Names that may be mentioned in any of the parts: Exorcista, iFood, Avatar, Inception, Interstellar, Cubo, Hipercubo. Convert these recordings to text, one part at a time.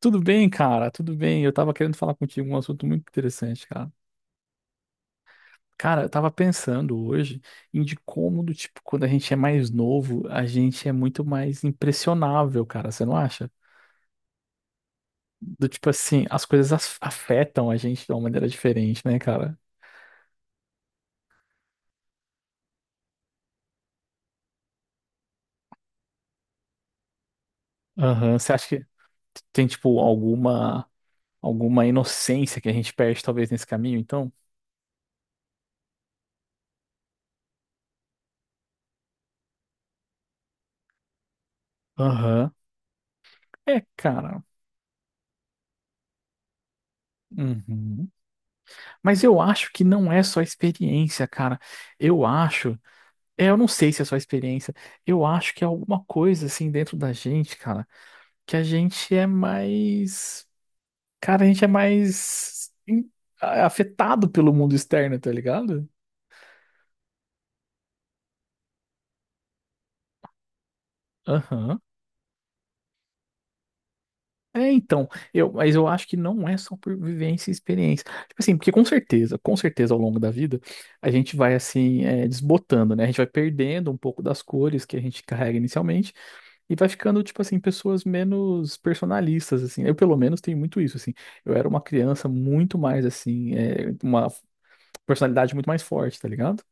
Tudo bem, cara, tudo bem. Eu tava querendo falar contigo um assunto muito interessante, cara. Cara, eu tava pensando hoje de como, do tipo, quando a gente é mais novo, a gente é muito mais impressionável, cara, você não acha? Do tipo assim, as coisas afetam a gente de uma maneira diferente, né, cara? Aham. Você acha que tem, tipo, alguma inocência que a gente perde, talvez, nesse caminho, então? Aham. É, cara. Uhum. Mas eu acho que não é só experiência, cara. Eu acho. É, eu não sei se é só experiência. Eu acho que é alguma coisa assim dentro da gente, cara, que a gente é mais, cara, a gente é mais em- a- afetado pelo mundo externo, tá ligado? Aham. É, então, mas eu acho que não é só por vivência e experiência. Tipo assim, porque com certeza ao longo da vida, a gente vai assim, é, desbotando, né? A gente vai perdendo um pouco das cores que a gente carrega inicialmente. E vai ficando, tipo assim, pessoas menos personalistas, assim. Eu, pelo menos, tenho muito isso, assim. Eu era uma criança muito mais, assim, é, uma personalidade muito mais forte, tá ligado?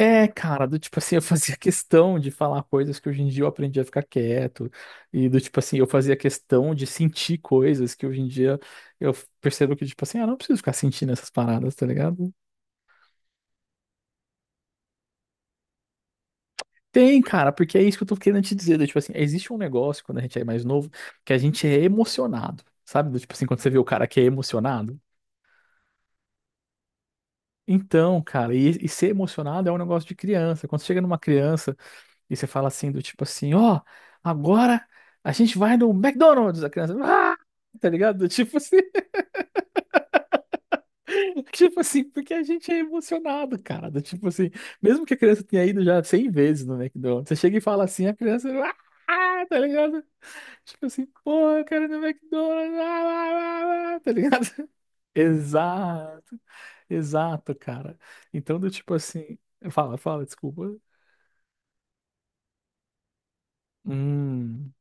É, cara, do tipo assim, eu fazia questão de falar coisas que hoje em dia eu aprendi a ficar quieto, e do tipo assim, eu fazia questão de sentir coisas que hoje em dia eu percebo que, tipo assim, ah, não preciso ficar sentindo essas paradas, tá ligado? Tem, cara, porque é isso que eu tô querendo te dizer. Do tipo assim, existe um negócio quando a gente é mais novo que a gente é emocionado, sabe? Do tipo assim, quando você vê o cara que é emocionado. Então, cara, e ser emocionado é um negócio de criança. Quando você chega numa criança e você fala assim, do tipo assim, ó, agora a gente vai no McDonald's, a criança, ah! Tá ligado? Do tipo assim, tipo assim, porque a gente é emocionado, cara. Do tipo assim, mesmo que a criança tenha ido já 100 vezes no McDonald's, você chega e fala assim, a criança, ah! Tá ligado? Tipo assim, porra, eu quero ir no McDonald's, ah, ah, ah, ah", tá ligado? Exato, exato, cara. Então, do tipo assim, fala, fala, desculpa. Hum.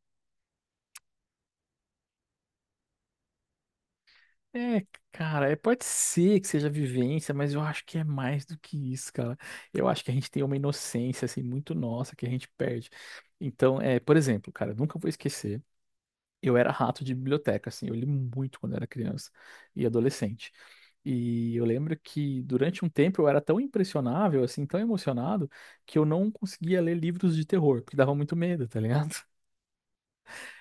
É, cara, é, pode ser que seja vivência, mas eu acho que é mais do que isso, cara. Eu acho que a gente tem uma inocência, assim, muito nossa que a gente perde. Então, é, por exemplo, cara, eu nunca vou esquecer. Eu era rato de biblioteca, assim, eu li muito quando era criança e adolescente. E eu lembro que durante um tempo eu era tão impressionável, assim, tão emocionado, que eu não conseguia ler livros de terror, porque dava muito medo, tá ligado?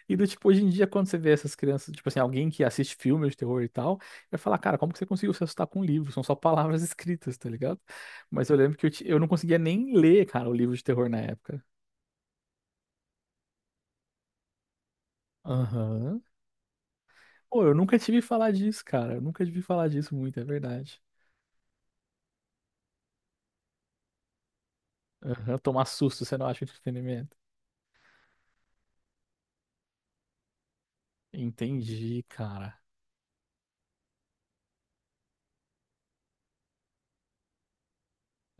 E do tipo, hoje em dia, quando você vê essas crianças, tipo assim, alguém que assiste filmes de terror e tal, vai falar, cara, como que você conseguiu se assustar com um livro? São só palavras escritas, tá ligado? Mas eu lembro que eu não conseguia nem ler, cara, o livro de terror na época. Aham. Pô, eu nunca tive falar disso, cara. Eu nunca tive falar disso muito, é verdade. Aham, tomar susto, você não acha entretenimento. Entendi, cara.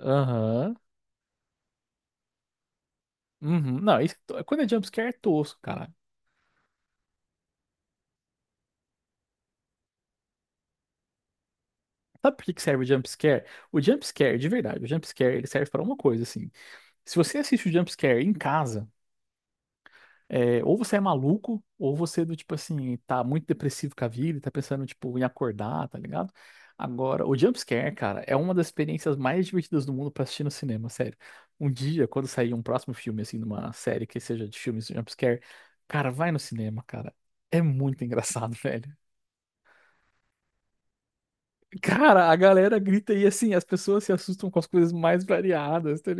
Aham. Uhum. Não, isso, quando é jumpscare é tosco, cara. Sabe por que que serve o jumpscare? O jumpscare, de verdade, o jumpscare ele serve pra uma coisa, assim. Se você assiste o jumpscare em casa, é, ou você é maluco, ou você é do tipo assim, tá muito depressivo com a vida, e tá pensando tipo em acordar, tá ligado? Agora, o jumpscare, cara, é uma das experiências mais divertidas do mundo pra assistir no cinema, sério. Um dia, quando sair um próximo filme, assim, numa série que seja de filmes de jumpscare, cara, vai no cinema, cara. É muito engraçado, velho. Cara, a galera grita e assim, as pessoas se assustam com as coisas mais variadas, tá.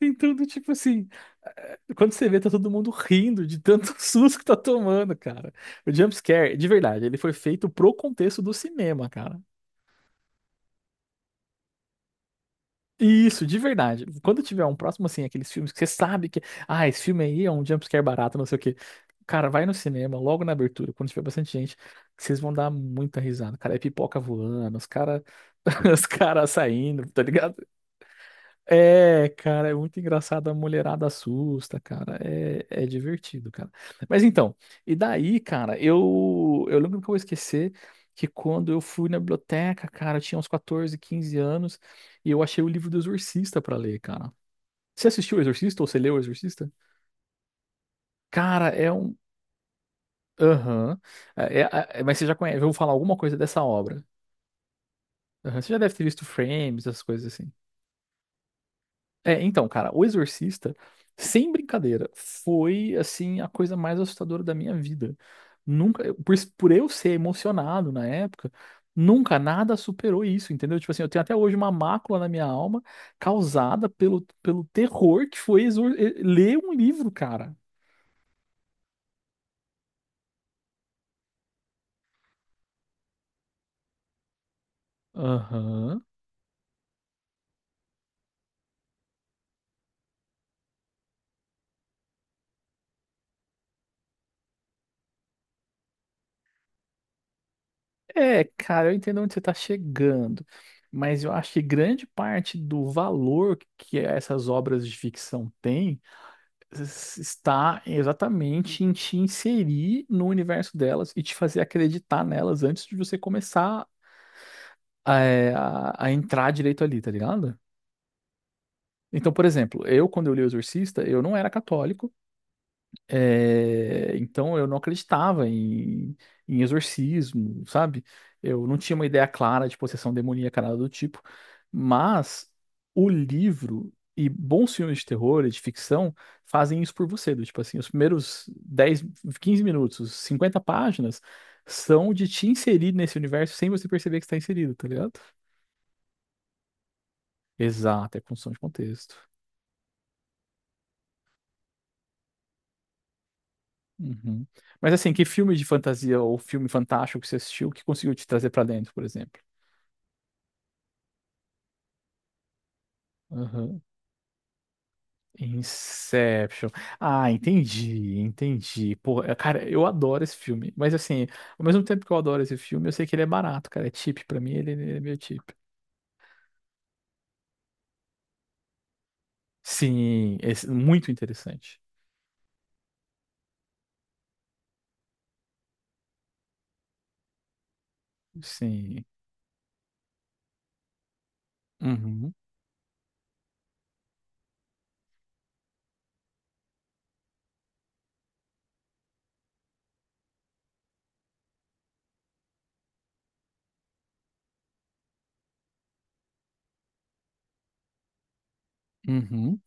Então, do tipo assim, quando você vê, tá todo mundo rindo de tanto susto que tá tomando, cara. O jumpscare, de verdade, ele foi feito pro contexto do cinema, cara. Isso, de verdade. Quando tiver um próximo, assim, aqueles filmes que você sabe que, ah, esse filme aí é um jumpscare barato, não sei o quê. Cara, vai no cinema, logo na abertura, quando tiver bastante gente, que vocês vão dar muita risada. Cara, é pipoca voando, os cara, os caras saindo, tá ligado? É, cara, é muito engraçado. A mulherada assusta, cara. É divertido, cara. Mas então, e daí, cara, eu lembro que eu vou esquecer que quando eu fui na biblioteca, cara, eu tinha uns 14, 15 anos e eu achei o livro do Exorcista pra ler, cara. Você assistiu o Exorcista ou você leu o Exorcista? Cara, é um. Aham. É, é- mas você já conhece, eu vou falar alguma coisa dessa obra. Aham. Você já deve ter visto frames, essas coisas assim. É, então, cara, o Exorcista, sem brincadeira, foi assim a coisa mais assustadora da minha vida. Nunca, por eu ser emocionado na época, nunca nada superou isso, entendeu? Tipo assim, eu tenho até hoje uma mácula na minha alma causada pelo terror que foi ler um livro, cara. Aham. É, cara, eu entendo onde você está chegando, mas eu acho que grande parte do valor que essas obras de ficção têm está exatamente em te inserir no universo delas e te fazer acreditar nelas antes de você começar a entrar direito ali, tá ligado? Então, por exemplo, eu, quando eu li o Exorcista, eu não era católico. É, então eu não acreditava em exorcismo, sabe? Eu não tinha uma ideia clara de possessão demoníaca, nada do tipo. Mas o livro e bons filmes de terror e de ficção fazem isso por você. Do tipo assim, os primeiros 10, 15 minutos, os 50 páginas, são de te inserir nesse universo sem você perceber que está inserido, tá ligado? Exato, é construção de contexto. Uhum. Mas assim, que filme de fantasia ou filme fantástico que você assistiu que conseguiu te trazer pra dentro, por exemplo? Uhum. Inception. Ah, entendi, entendi. Pô, é, cara, eu adoro esse filme. Mas assim, ao mesmo tempo que eu adoro esse filme, eu sei que ele é barato, cara. É cheap pra mim, ele é meio cheap. Sim, esse- muito interessante. Sim. Uhum, uhum.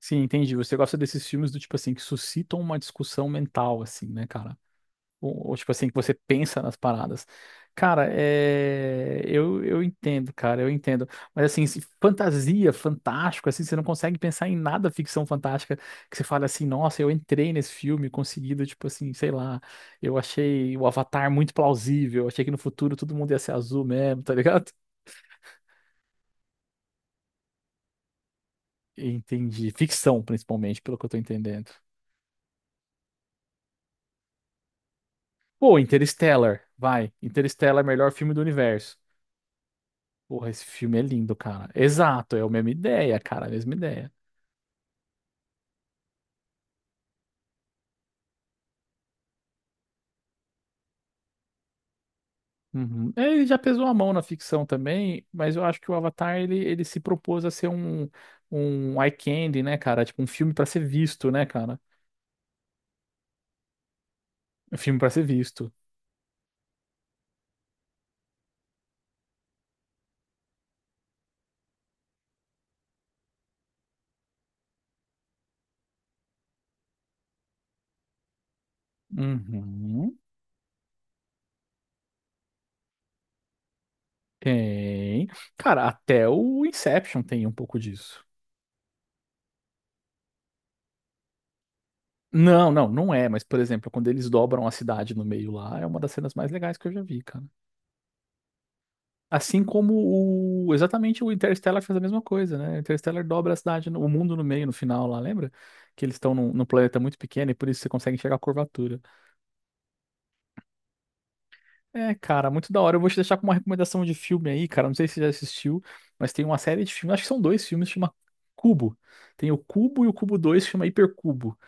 Sim, entendi. Você gosta desses filmes do tipo assim, que suscitam uma discussão mental, assim, né, cara? Ou, tipo assim, que você pensa nas paradas. Cara, é... eu entendo, cara, eu entendo. Mas assim, fantasia, fantástico, assim, você não consegue pensar em nada ficção fantástica que você fala assim, nossa, eu entrei nesse filme conseguido, tipo assim, sei lá, eu achei o Avatar muito plausível, eu achei que no futuro todo mundo ia ser azul mesmo, tá ligado? Entendi. Ficção, principalmente, pelo que eu tô entendendo. Pô, Interstellar, vai. Interstellar é o melhor filme do universo. Porra, esse filme é lindo, cara. Exato, é a mesma ideia, cara, a mesma ideia. Uhum. É, ele já pesou a mão na ficção também, mas eu acho que o Avatar ele, ele se propôs a ser um eye candy, né, cara? Tipo, um filme pra ser visto, né, cara? Um filme pra ser visto. Uhum. Tem. Cara, até o Inception tem um pouco disso. Não, não, não é, mas por exemplo, quando eles dobram a cidade no meio lá, é uma das cenas mais legais que eu já vi, cara. Assim como exatamente o Interstellar faz a mesma coisa, né? O Interstellar dobra a cidade, o mundo no meio, no final lá, lembra? Que eles estão num planeta muito pequeno e por isso você consegue enxergar a curvatura. É, cara, muito da hora. Eu vou te deixar com uma recomendação de filme aí, cara. Não sei se você já assistiu, mas tem uma série de filmes, acho que são dois filmes, chama Cubo. Tem o Cubo e o Cubo 2 chama Hipercubo.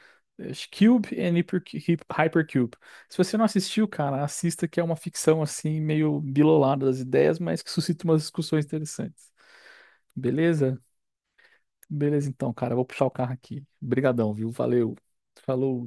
Acho que Cube and Hypercube. Se você não assistiu, cara, assista que é uma ficção assim, meio bilolada das ideias, mas que suscita umas discussões interessantes. Beleza? Beleza então, cara. Eu vou puxar o carro aqui. Obrigadão, viu? Valeu. Falou.